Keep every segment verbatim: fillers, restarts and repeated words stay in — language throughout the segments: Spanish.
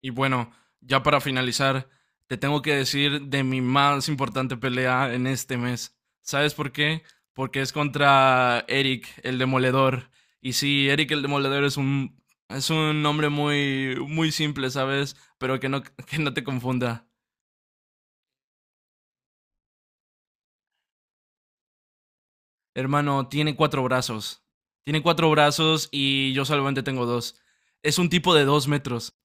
Y bueno, ya para finalizar, te tengo que decir de mi más importante pelea en este mes. ¿Sabes por qué? Porque es contra Eric, el demoledor. Y sí, Eric el demoledor es un es un nombre muy muy simple, ¿sabes? Pero que no que no te confunda. Hermano, tiene cuatro brazos. Tiene cuatro brazos y yo solamente tengo dos. Es un tipo de dos metros.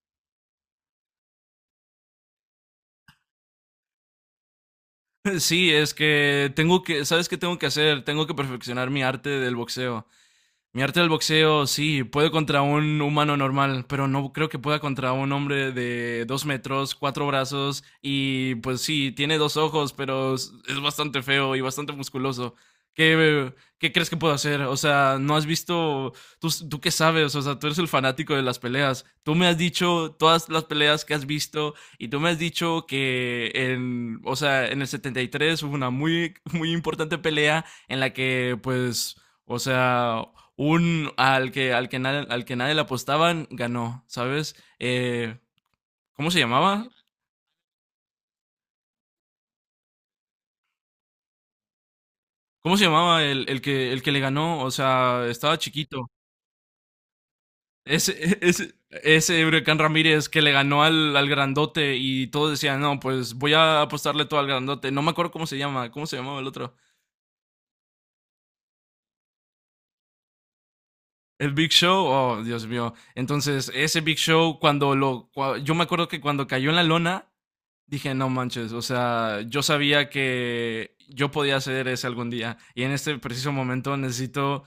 Sí, es que tengo que, ¿sabes qué tengo que hacer? Tengo que perfeccionar mi arte del boxeo. Mi arte del boxeo, sí, puedo contra un humano normal, pero no creo que pueda contra un hombre de dos metros, cuatro brazos y pues sí, tiene dos ojos, pero es es bastante feo y bastante musculoso. ¿Qué, qué crees que puedo hacer? O sea, no has visto, tú, tú qué sabes, o sea, tú eres el fanático de las peleas. Tú me has dicho todas las peleas que has visto y tú me has dicho que en, o sea, en el setenta y tres hubo una muy, muy importante pelea en la que pues... O sea, un al que al que nadie, al que nadie le apostaban ganó, ¿sabes? Eh, ¿cómo se llamaba? ¿Cómo se llamaba el, el que el que le ganó? O sea, estaba chiquito. Ese, ese, ese Huracán Ramírez que le ganó al, al grandote y todos decían, no, pues voy a apostarle todo al grandote. No me acuerdo cómo se llama, cómo se llamaba el otro. El Big Show, oh Dios mío. Entonces, ese Big Show, cuando lo. cua- yo me acuerdo que cuando cayó en la lona, dije, no manches, o sea, yo sabía que yo podía hacer ese algún día y en este preciso momento necesito,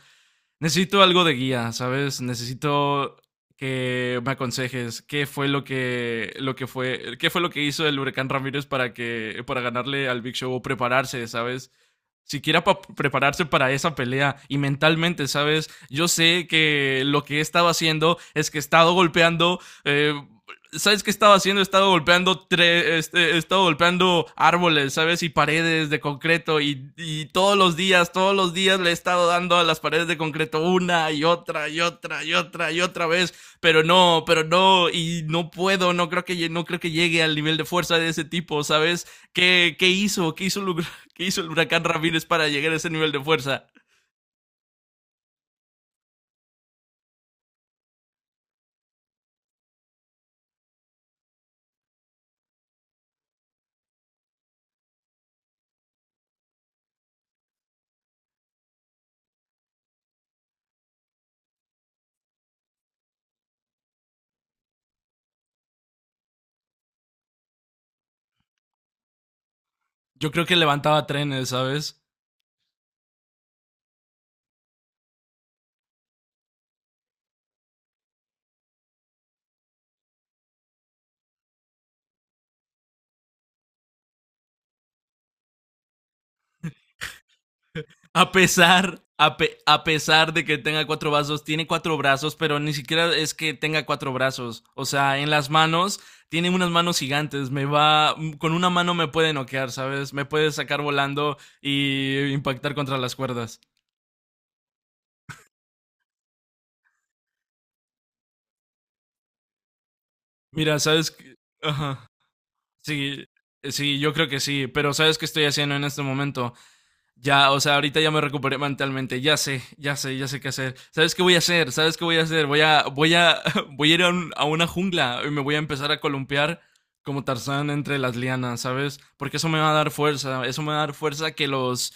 necesito algo de guía, ¿sabes? Necesito que me aconsejes qué fue lo que, lo que fue, qué fue lo que hizo el huracán Ramírez para que, para ganarle al Big Show o prepararse, ¿sabes? Siquiera para prepararse para esa pelea y mentalmente, ¿sabes? Yo sé que lo que he estado haciendo es que he estado golpeando eh, ¿sabes qué estaba haciendo? Estaba golpeando tre este, estaba golpeando árboles, ¿sabes? Y paredes de concreto. Y, y todos los días, todos los días le he estado dando a las paredes de concreto una y otra y otra y otra y otra vez. Pero no, pero no, y no puedo, no creo que, no creo que llegue al nivel de fuerza de ese tipo, ¿sabes? ¿Qué, qué hizo? ¿Qué hizo, el, ¿Qué hizo el huracán Ramírez para llegar a ese nivel de fuerza? Yo creo que levantaba trenes, ¿sabes? A pesar, a, pe- a pesar de que tenga cuatro brazos, tiene cuatro brazos, pero ni siquiera es que tenga cuatro brazos. O sea, en las manos, tiene unas manos gigantes. Me va, con una mano me puede noquear, ¿sabes? Me puede sacar volando y impactar contra las cuerdas. Mira, ¿sabes? Qué? Ajá. Sí, sí, yo creo que sí, pero ¿sabes qué estoy haciendo en este momento? Ya, o sea, ahorita ya me recuperé mentalmente. Ya sé, ya sé, ya sé qué hacer. ¿Sabes qué voy a hacer? ¿Sabes qué voy a hacer? Voy a, voy a, voy a ir a, un- a una jungla y me voy a empezar a columpiar como Tarzán entre las lianas, ¿sabes? Porque eso me va a dar fuerza. Eso me va a dar fuerza que los,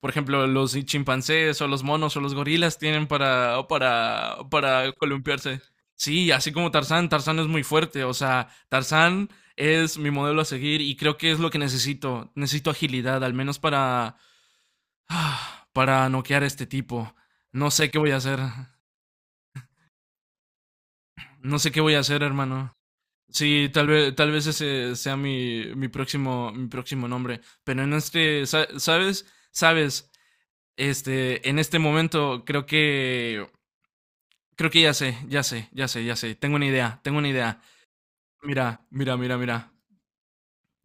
por ejemplo, los chimpancés o los monos o los gorilas tienen para, para, para columpiarse. Sí, así como Tarzán, Tarzán es muy fuerte. O sea, Tarzán es mi modelo a seguir y creo que es lo que necesito. Necesito agilidad, al menos para para noquear a este tipo. No sé qué voy a hacer. No sé qué voy a hacer, hermano. Sí, tal vez, tal vez ese sea mi, mi próximo, mi próximo nombre. Pero en este, sa- ¿sabes? ¿Sabes? Este, en este momento creo que, creo que ya sé, ya sé, ya sé, ya sé. Tengo una idea, tengo una idea. Mira, mira, mira, mira.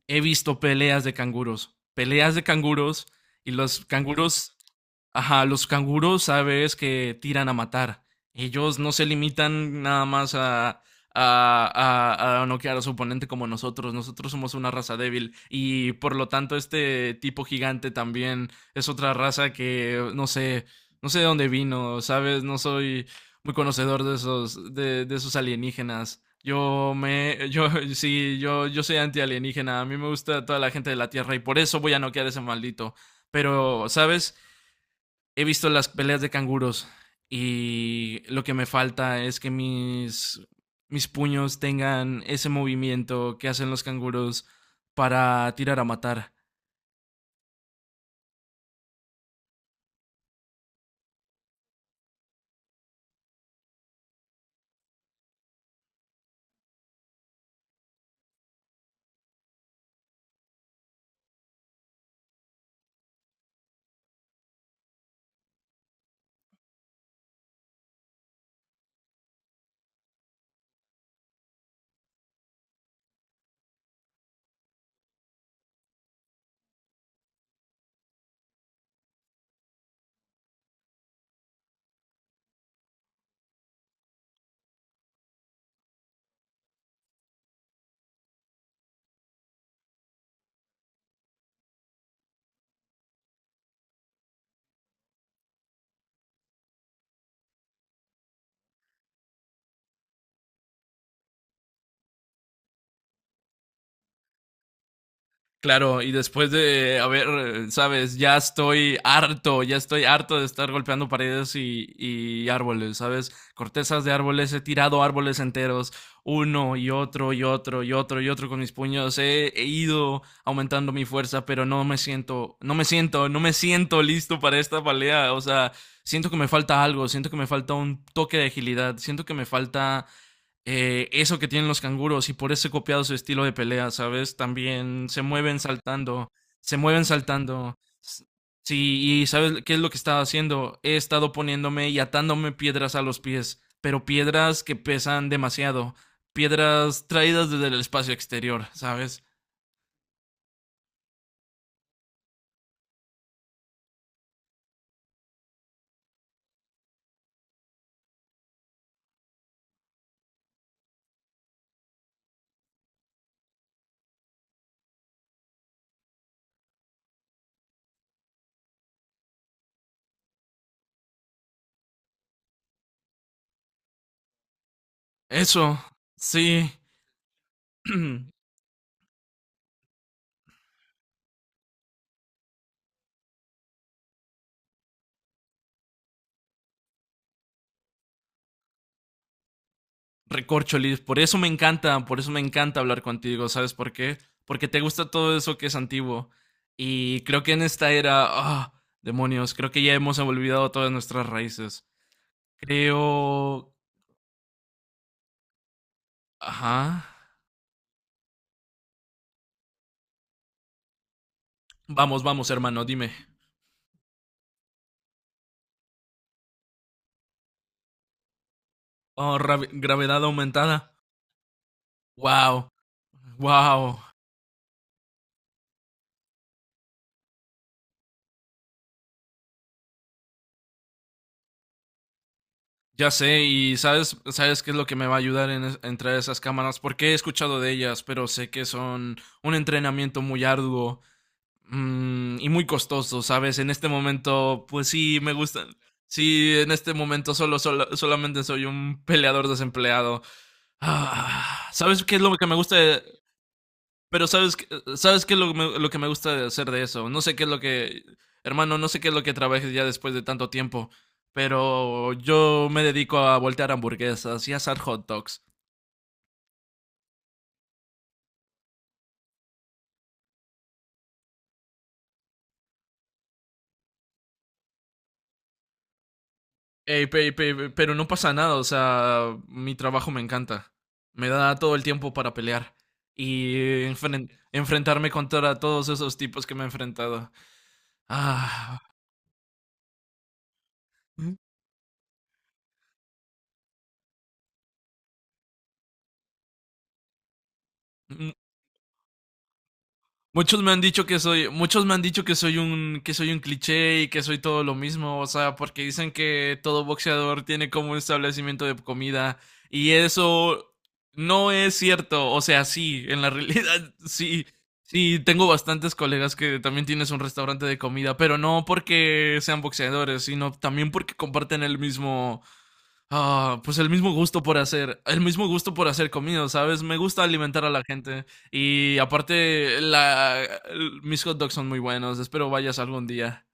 He visto peleas de canguros. Peleas de canguros y los canguros, ajá, los canguros sabes que tiran a matar. Ellos no se limitan nada más a, a, a, a noquear a su oponente como nosotros. Nosotros somos una raza débil y por lo tanto este tipo gigante también es otra raza que no sé, no sé de dónde vino, ¿sabes? No soy muy conocedor de esos, de, de esos alienígenas. Yo me, yo, sí, yo, yo soy antialienígena. A mí me gusta toda la gente de la Tierra y por eso voy a noquear a ese maldito. Pero, ¿sabes? He visto las peleas de canguros y lo que me falta es que mis, mis puños tengan ese movimiento que hacen los canguros para tirar a matar. Claro, y después de, a ver, sabes, ya estoy harto, ya estoy harto de estar golpeando paredes y, y árboles, ¿sabes? Cortezas de árboles, he tirado árboles enteros, uno y otro y otro y otro y otro con mis puños, he, he ido aumentando mi fuerza, pero no me siento, no me siento, no me siento listo para esta pelea, o sea, siento que me falta algo, siento que me falta un toque de agilidad, siento que me falta eh, eso que tienen los canguros y por eso he copiado su estilo de pelea, ¿sabes? También se mueven saltando, se mueven saltando. S- Sí, y ¿sabes qué es lo que estaba haciendo? He estado poniéndome y atándome piedras a los pies, pero piedras que pesan demasiado, piedras traídas desde el espacio exterior, ¿sabes? Eso, sí. Recorcholis, por eso me encanta, por eso me encanta hablar contigo, ¿sabes por qué? Porque te gusta todo eso que es antiguo. Y creo que en esta era, ah, demonios, creo que ya hemos olvidado todas nuestras raíces. Creo... Ajá. Vamos, vamos, hermano, dime. Oh, ravi- gravedad aumentada. Wow, wow. Ya sé, y sabes, sabes qué es lo que me va a ayudar en es- en traer esas cámaras, porque he escuchado de ellas, pero sé que son un entrenamiento muy arduo mm, y muy costoso, ¿sabes? En este momento, pues sí, me gustan. Sí, en este momento solo, solo- solamente soy un peleador desempleado. Ah, ¿sabes qué es lo que me gusta? de- Pero ¿sabes, qué- ¿sabes qué es lo, que me- lo que me gusta de hacer de eso? No sé qué es lo que... Hermano, no sé qué es lo que trabajes ya después de tanto tiempo, pero yo me dedico a voltear hamburguesas y a asar hot dogs. Ey, pe- pe- pero no pasa nada, o sea, mi trabajo me encanta. Me da todo el tiempo para pelear y enfren- enfrentarme contra todos esos tipos que me he enfrentado. Ah, Muchos me han dicho que soy, muchos me han dicho que soy un, que soy un cliché y que soy todo lo mismo, o sea, porque dicen que todo boxeador tiene como un establecimiento de comida y eso no es cierto, o sea, sí, en la realidad sí, sí, tengo bastantes colegas que también tienes un restaurante de comida, pero no porque sean boxeadores, sino también porque comparten el mismo, Ah, pues el mismo gusto por hacer, el mismo gusto por hacer comida, ¿sabes? Me gusta alimentar a la gente y aparte la, el- mis hot dogs son muy buenos, espero vayas algún día.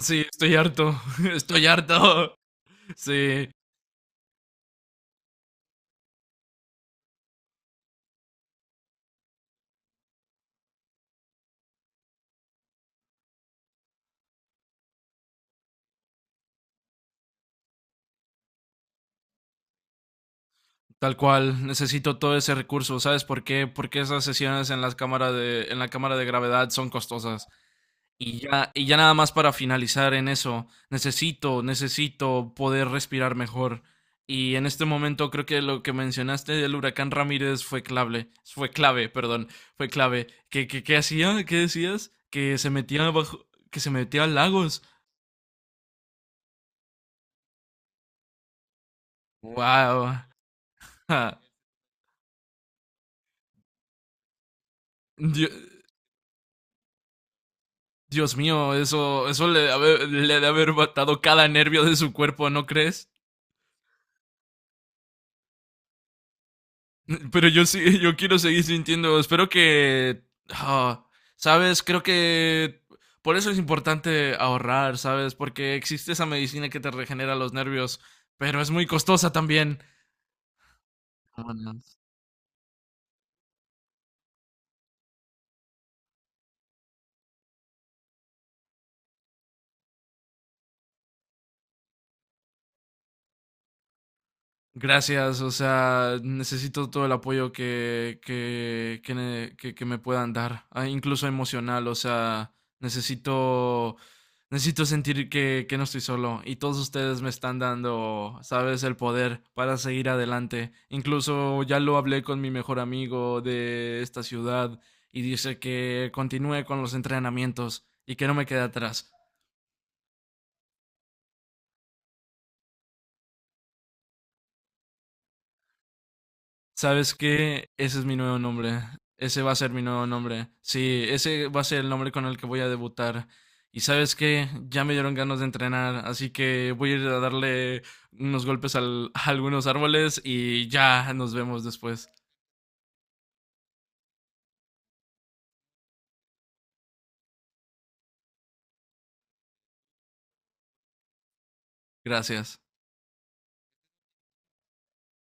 Sí, estoy harto, estoy harto. Sí, tal cual, necesito todo ese recurso, ¿sabes por qué? Porque esas sesiones en las cámara de, en la cámara de gravedad son costosas. Y ya, y ya nada más para finalizar en eso, necesito, necesito poder respirar mejor. Y en este momento creo que lo que mencionaste del huracán Ramírez fue clave, fue clave, perdón, fue clave. ¿Qué, qué, qué hacía? ¿Qué decías? Que se metía bajo, que se metía a lagos. Wow. Dios, Dios mío, eso, eso le, ha- le debe haber matado cada nervio de su cuerpo, ¿no crees? Pero yo sí, yo quiero seguir sintiendo. Espero que. ah, ¿Sabes? Creo que. Por eso es importante ahorrar, ¿sabes? Porque existe esa medicina que te regenera los nervios, pero es muy costosa también. Vámonos. Gracias, o sea, necesito todo el apoyo que, que, que, ne- que- que me puedan dar, ah, incluso emocional, o sea, necesito, necesito sentir que, que no estoy solo y todos ustedes me están dando, sabes, el poder para seguir adelante. Incluso ya lo hablé con mi mejor amigo de esta ciudad y dice que continúe con los entrenamientos y que no me quede atrás. ¿Sabes qué? Ese es mi nuevo nombre. Ese va a ser mi nuevo nombre. Sí, ese va a ser el nombre con el que voy a debutar. Y sabes qué, ya me dieron ganas de entrenar, así que voy a ir a darle unos golpes al- a algunos árboles y ya nos vemos después. Gracias.